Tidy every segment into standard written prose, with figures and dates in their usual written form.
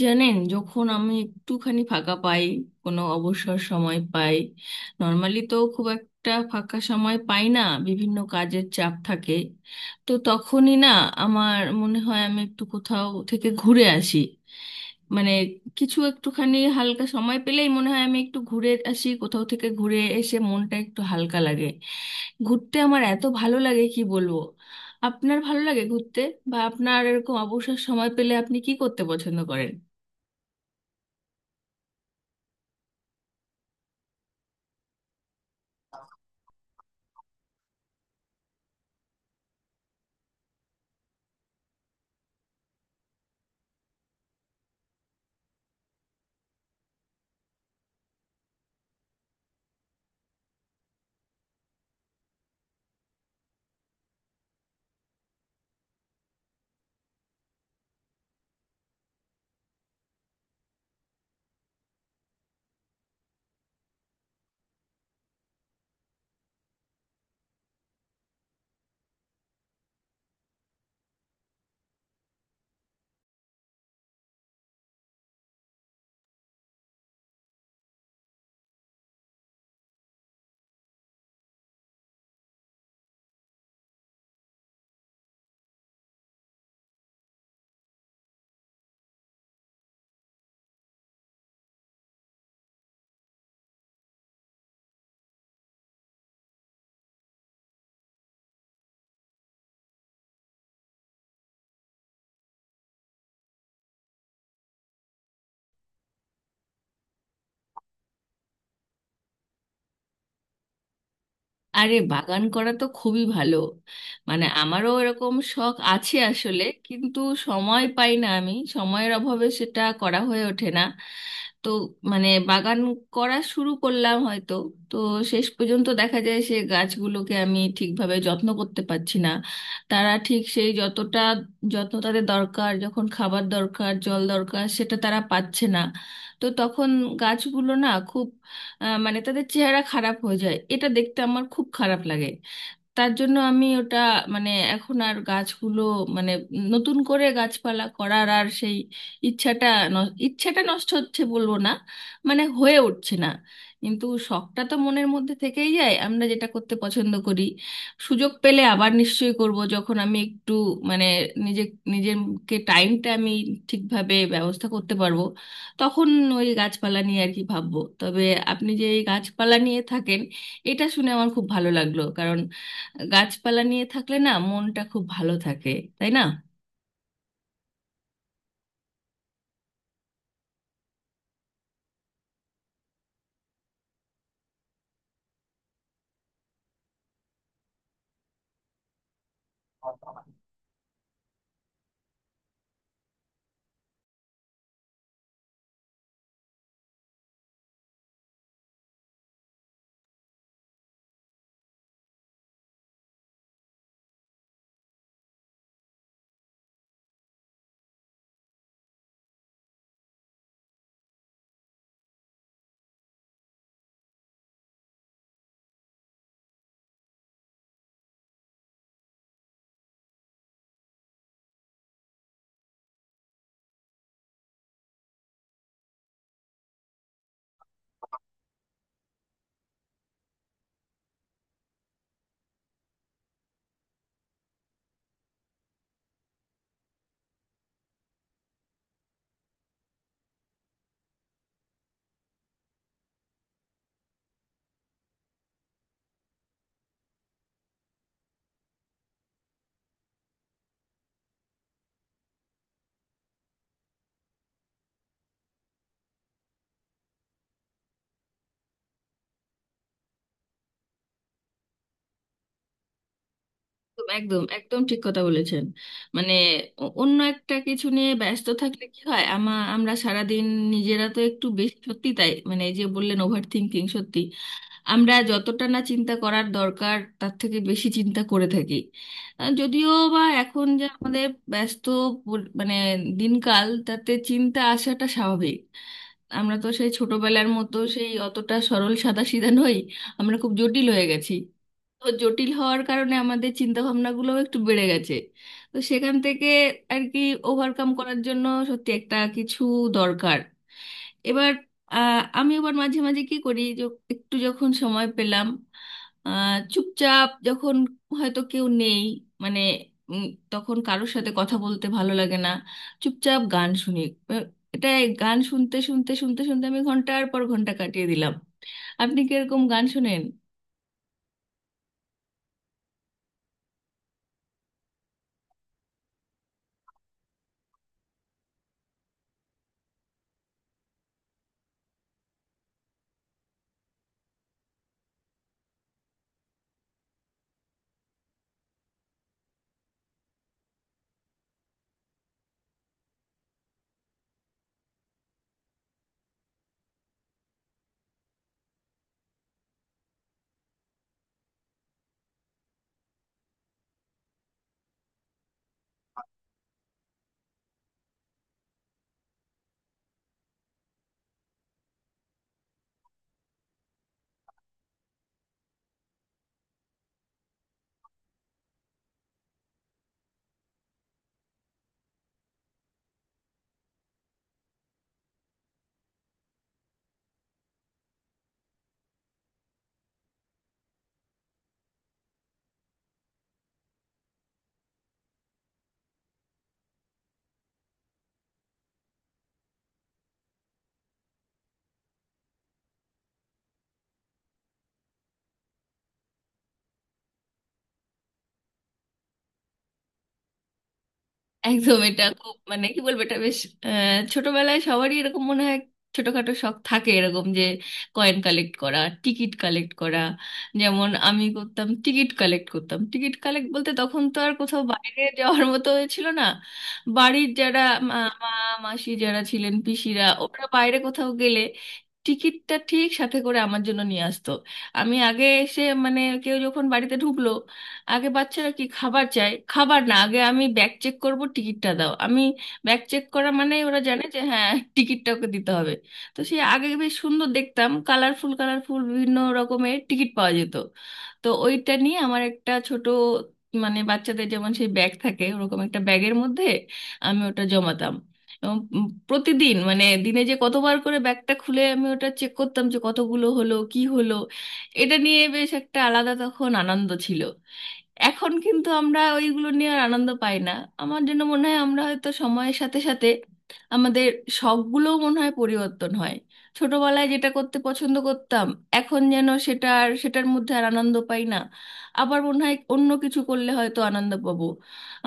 জানেন, যখন আমি একটুখানি ফাঁকা পাই, কোনো অবসর সময় পাই। নর্মালি তো খুব একটা ফাঁকা সময় পাই না, বিভিন্ন কাজের চাপ থাকে। তো তখনই না আমার মনে হয় আমি একটু কোথাও থেকে ঘুরে আসি। মানে কিছু একটুখানি হালকা সময় পেলেই মনে হয় আমি একটু ঘুরে আসি, কোথাও থেকে ঘুরে এসে মনটা একটু হালকা লাগে। ঘুরতে আমার এত ভালো লাগে কি বলবো! আপনার ভালো লাগে ঘুরতে? বা আপনার এরকম অবসর সময় পেলে আপনি কি করতে পছন্দ করেন? আরে বাগান করা তো খুবই ভালো। মানে আমারও এরকম শখ আছে আসলে, কিন্তু সময় পাই না, আমি সময়ের অভাবে সেটা করা হয়ে ওঠে না। তো মানে বাগান করা শুরু করলাম হয়তো, তো শেষ পর্যন্ত দেখা যায় সে গাছগুলোকে আমি ঠিকভাবে যত্ন করতে পারছি না। তারা ঠিক সেই যতটা যত্ন তাদের দরকার, যখন খাবার দরকার, জল দরকার, সেটা তারা পাচ্ছে না। তো তখন গাছগুলো না খুব মানে তাদের চেহারা খারাপ হয়ে যায়, এটা দেখতে আমার খুব খারাপ লাগে। তার জন্য আমি ওটা মানে এখন আর গাছগুলো মানে নতুন করে গাছপালা করার আর সেই ইচ্ছাটা ইচ্ছাটা নষ্ট হচ্ছে বলবো না, মানে হয়ে উঠছে না। কিন্তু শখটা তো মনের মধ্যে থেকেই যায়, আমরা যেটা করতে পছন্দ করি। সুযোগ পেলে আবার নিশ্চয়ই করব, যখন আমি একটু মানে নিজে নিজেকে টাইমটা আমি ঠিকভাবে ব্যবস্থা করতে পারবো, তখন ওই গাছপালা নিয়ে আর কি ভাববো। তবে আপনি যে এই গাছপালা নিয়ে থাকেন, এটা শুনে আমার খুব ভালো লাগলো। গাছপালা নিয়ে থাকলে না মনটা খুব ভালো থাকে, তাই না? একদম, একদম, একদম ঠিক কথা বলেছেন। মানে অন্য একটা কিছু নিয়ে ব্যস্ত থাকলে কি হয়, আমরা সারাদিন নিজেরা তো একটু বেশি, সত্যি তাই। মানে এই যে বললেন ওভার থিঙ্কিং, সত্যি আমরা যতটা না চিন্তা করার দরকার তার থেকে বেশি চিন্তা করে থাকি। যদিও বা এখন যে আমাদের ব্যস্ত মানে দিনকাল, তাতে চিন্তা আসাটা স্বাভাবিক। আমরা তো সেই ছোটবেলার মতো সেই অতটা সরল সাদাসিধা নই, আমরা খুব জটিল হয়ে গেছি। তো জটিল হওয়ার কারণে আমাদের চিন্তা ভাবনাগুলোও একটু বেড়ে গেছে। তো সেখান থেকে আর কি ওভারকাম করার জন্য সত্যি একটা কিছু দরকার। এবার আমি আবার মাঝে মাঝে কি করি যে একটু যখন সময় পেলাম, চুপচাপ যখন হয়তো কেউ নেই, মানে উম, তখন কারোর সাথে কথা বলতে ভালো লাগে না, চুপচাপ গান শুনি। আহ, এটা, এই গান শুনতে শুনতে আমি ঘন্টার পর ঘন্টা কাটিয়ে দিলাম। আপনি কি এরকম গান শোনেন? একদম, এটা খুব মানে কি বলবো, এটা বেশ। ছোটবেলায় সবারই এরকম মনে হয়, ছোটখাটো শখ থাকে এরকম যে কয়েন কালেক্ট করা, টিকিট কালেক্ট করা। যেমন আমি করতাম, টিকিট কালেক্ট করতাম। টিকিট কালেক্ট বলতে তখন তো আর কোথাও বাইরে যাওয়ার মতো হয়েছিল না। বাড়ির যারা মা মা, মাসি যারা ছিলেন, পিসিরা, ওরা বাইরে কোথাও গেলে টিকিটটা ঠিক সাথে করে আমার জন্য নিয়ে আসতো। আমি আগে এসে মানে কেউ যখন বাড়িতে ঢুকলো, আগে বাচ্চারা কি খাবার চায়, খাবার না, আগে আমি ব্যাগ চেক করব, টিকিটটা দাও, আমি ব্যাগ চেক করা, মানে ওরা জানে যে হ্যাঁ টিকিটটা ওকে দিতে হবে। তো সেই আগে বেশ সুন্দর দেখতাম কালারফুল কালারফুল বিভিন্ন রকমের টিকিট পাওয়া যেত। তো ওইটা নিয়ে আমার একটা ছোট মানে বাচ্চাদের যেমন সেই ব্যাগ থাকে, ওরকম একটা ব্যাগের মধ্যে আমি ওটা জমাতাম। এবং প্রতিদিন মানে দিনে যে কতবার করে ব্যাগটা খুলে আমি ওটা চেক করতাম যে কতগুলো হলো কি হলো। এটা নিয়ে বেশ একটা আলাদা তখন আনন্দ ছিল। এখন কিন্তু আমরা ওইগুলো নিয়ে আর আনন্দ পাই না। আমার জন্য মনে হয় আমরা হয়তো সময়ের সাথে সাথে আমাদের শখগুলোও মনে হয় পরিবর্তন হয়। ছোটবেলায় যেটা করতে পছন্দ করতাম, এখন যেন সেটা আর, সেটার মধ্যে আর আনন্দ পাই না। আবার মনে হয় অন্য কিছু করলে হয়তো আনন্দ পাবো।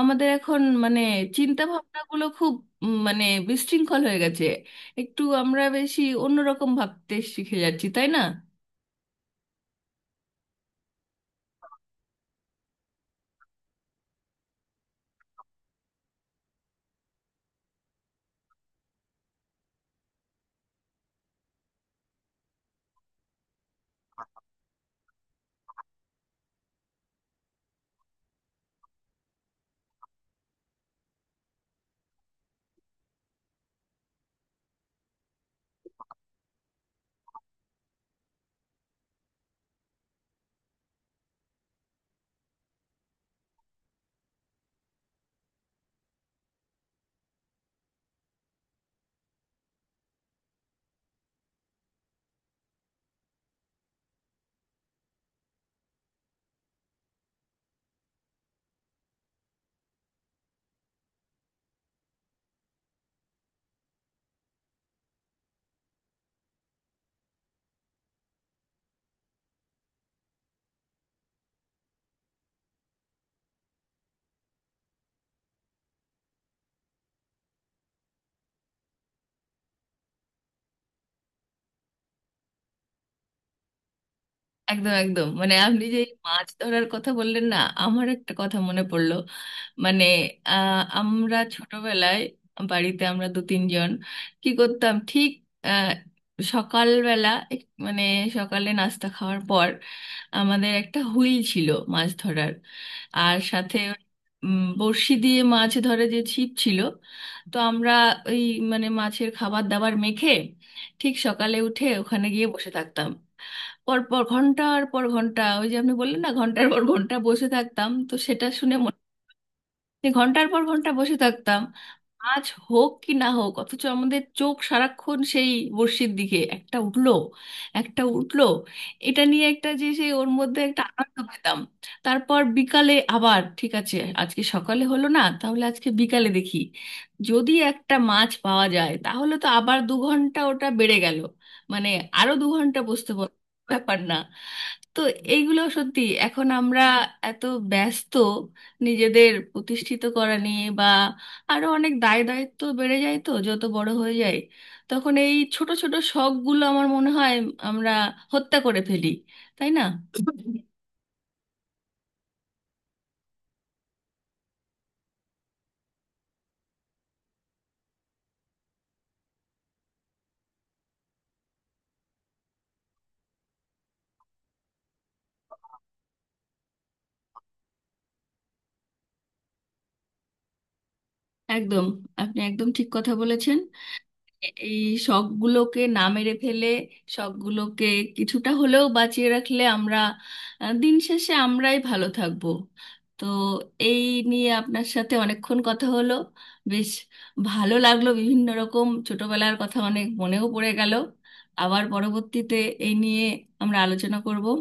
আমাদের এখন মানে চিন্তা ভাবনাগুলো খুব মানে বিশৃঙ্খল হয়ে গেছে, একটু আমরা বেশি অন্যরকম ভাবতে শিখে যাচ্ছি, তাই না? একদম, একদম। মানে আপনি যে এই মাছ ধরার কথা বললেন না, আমার একটা কথা মনে পড়লো। মানে আমরা ছোটবেলায় বাড়িতে আমরা দু তিনজন কি করতাম ঠিক, আহ, সকালবেলা মানে সকালে নাস্তা খাওয়ার পর আমাদের একটা হুইল ছিল, মাছ ধরার। আর সাথে বড়শি দিয়ে মাছ ধরে, যে ছিপ ছিল। তো আমরা ওই মানে মাছের খাবার দাবার মেখে ঠিক সকালে উঠে ওখানে গিয়ে বসে থাকতাম, পর পর ঘন্টার পর ঘন্টা। ওই যে আপনি বললেন না ঘন্টার পর ঘন্টা বসে থাকতাম, তো সেটা শুনে মনে, যে ঘন্টার পর ঘন্টা বসে থাকতাম, মাছ হোক কি না হোক, অথচ আমাদের চোখ সারাক্ষণ সেই বড়শির দিকে। একটা উঠলো, একটা উঠলো, এটা নিয়ে একটা, যে সেই ওর মধ্যে একটা আনন্দ পেতাম। তারপর বিকালে আবার ঠিক আছে, আজকে সকালে হলো না, তাহলে আজকে বিকালে দেখি। যদি একটা মাছ পাওয়া যায়, তাহলে তো আবার দু ঘন্টা ওটা বেড়ে গেল। মানে আরো দু ঘন্টা বসতে পার, ব্যাপার না। তো এইগুলো সত্যি, এখন আমরা এত ব্যস্ত নিজেদের প্রতিষ্ঠিত করা নিয়ে বা আরো অনেক দায় দায়িত্ব বেড়ে যায় তো যত বড় হয়ে যায়, তখন এই ছোট ছোট শখগুলো আমার মনে হয় আমরা হত্যা করে ফেলি, তাই না? একদম, আপনি একদম ঠিক কথা বলেছেন। এই শখগুলোকে না মেরে ফেলে, শখগুলোকে কিছুটা হলেও বাঁচিয়ে রাখলে আমরা দিন শেষে আমরাই ভালো থাকবো। তো এই নিয়ে আপনার সাথে অনেকক্ষণ কথা হলো, বেশ ভালো লাগলো, বিভিন্ন রকম ছোটবেলার কথা অনেক মনেও পড়ে গেল। আবার পরবর্তীতে এই নিয়ে আমরা আলোচনা করব।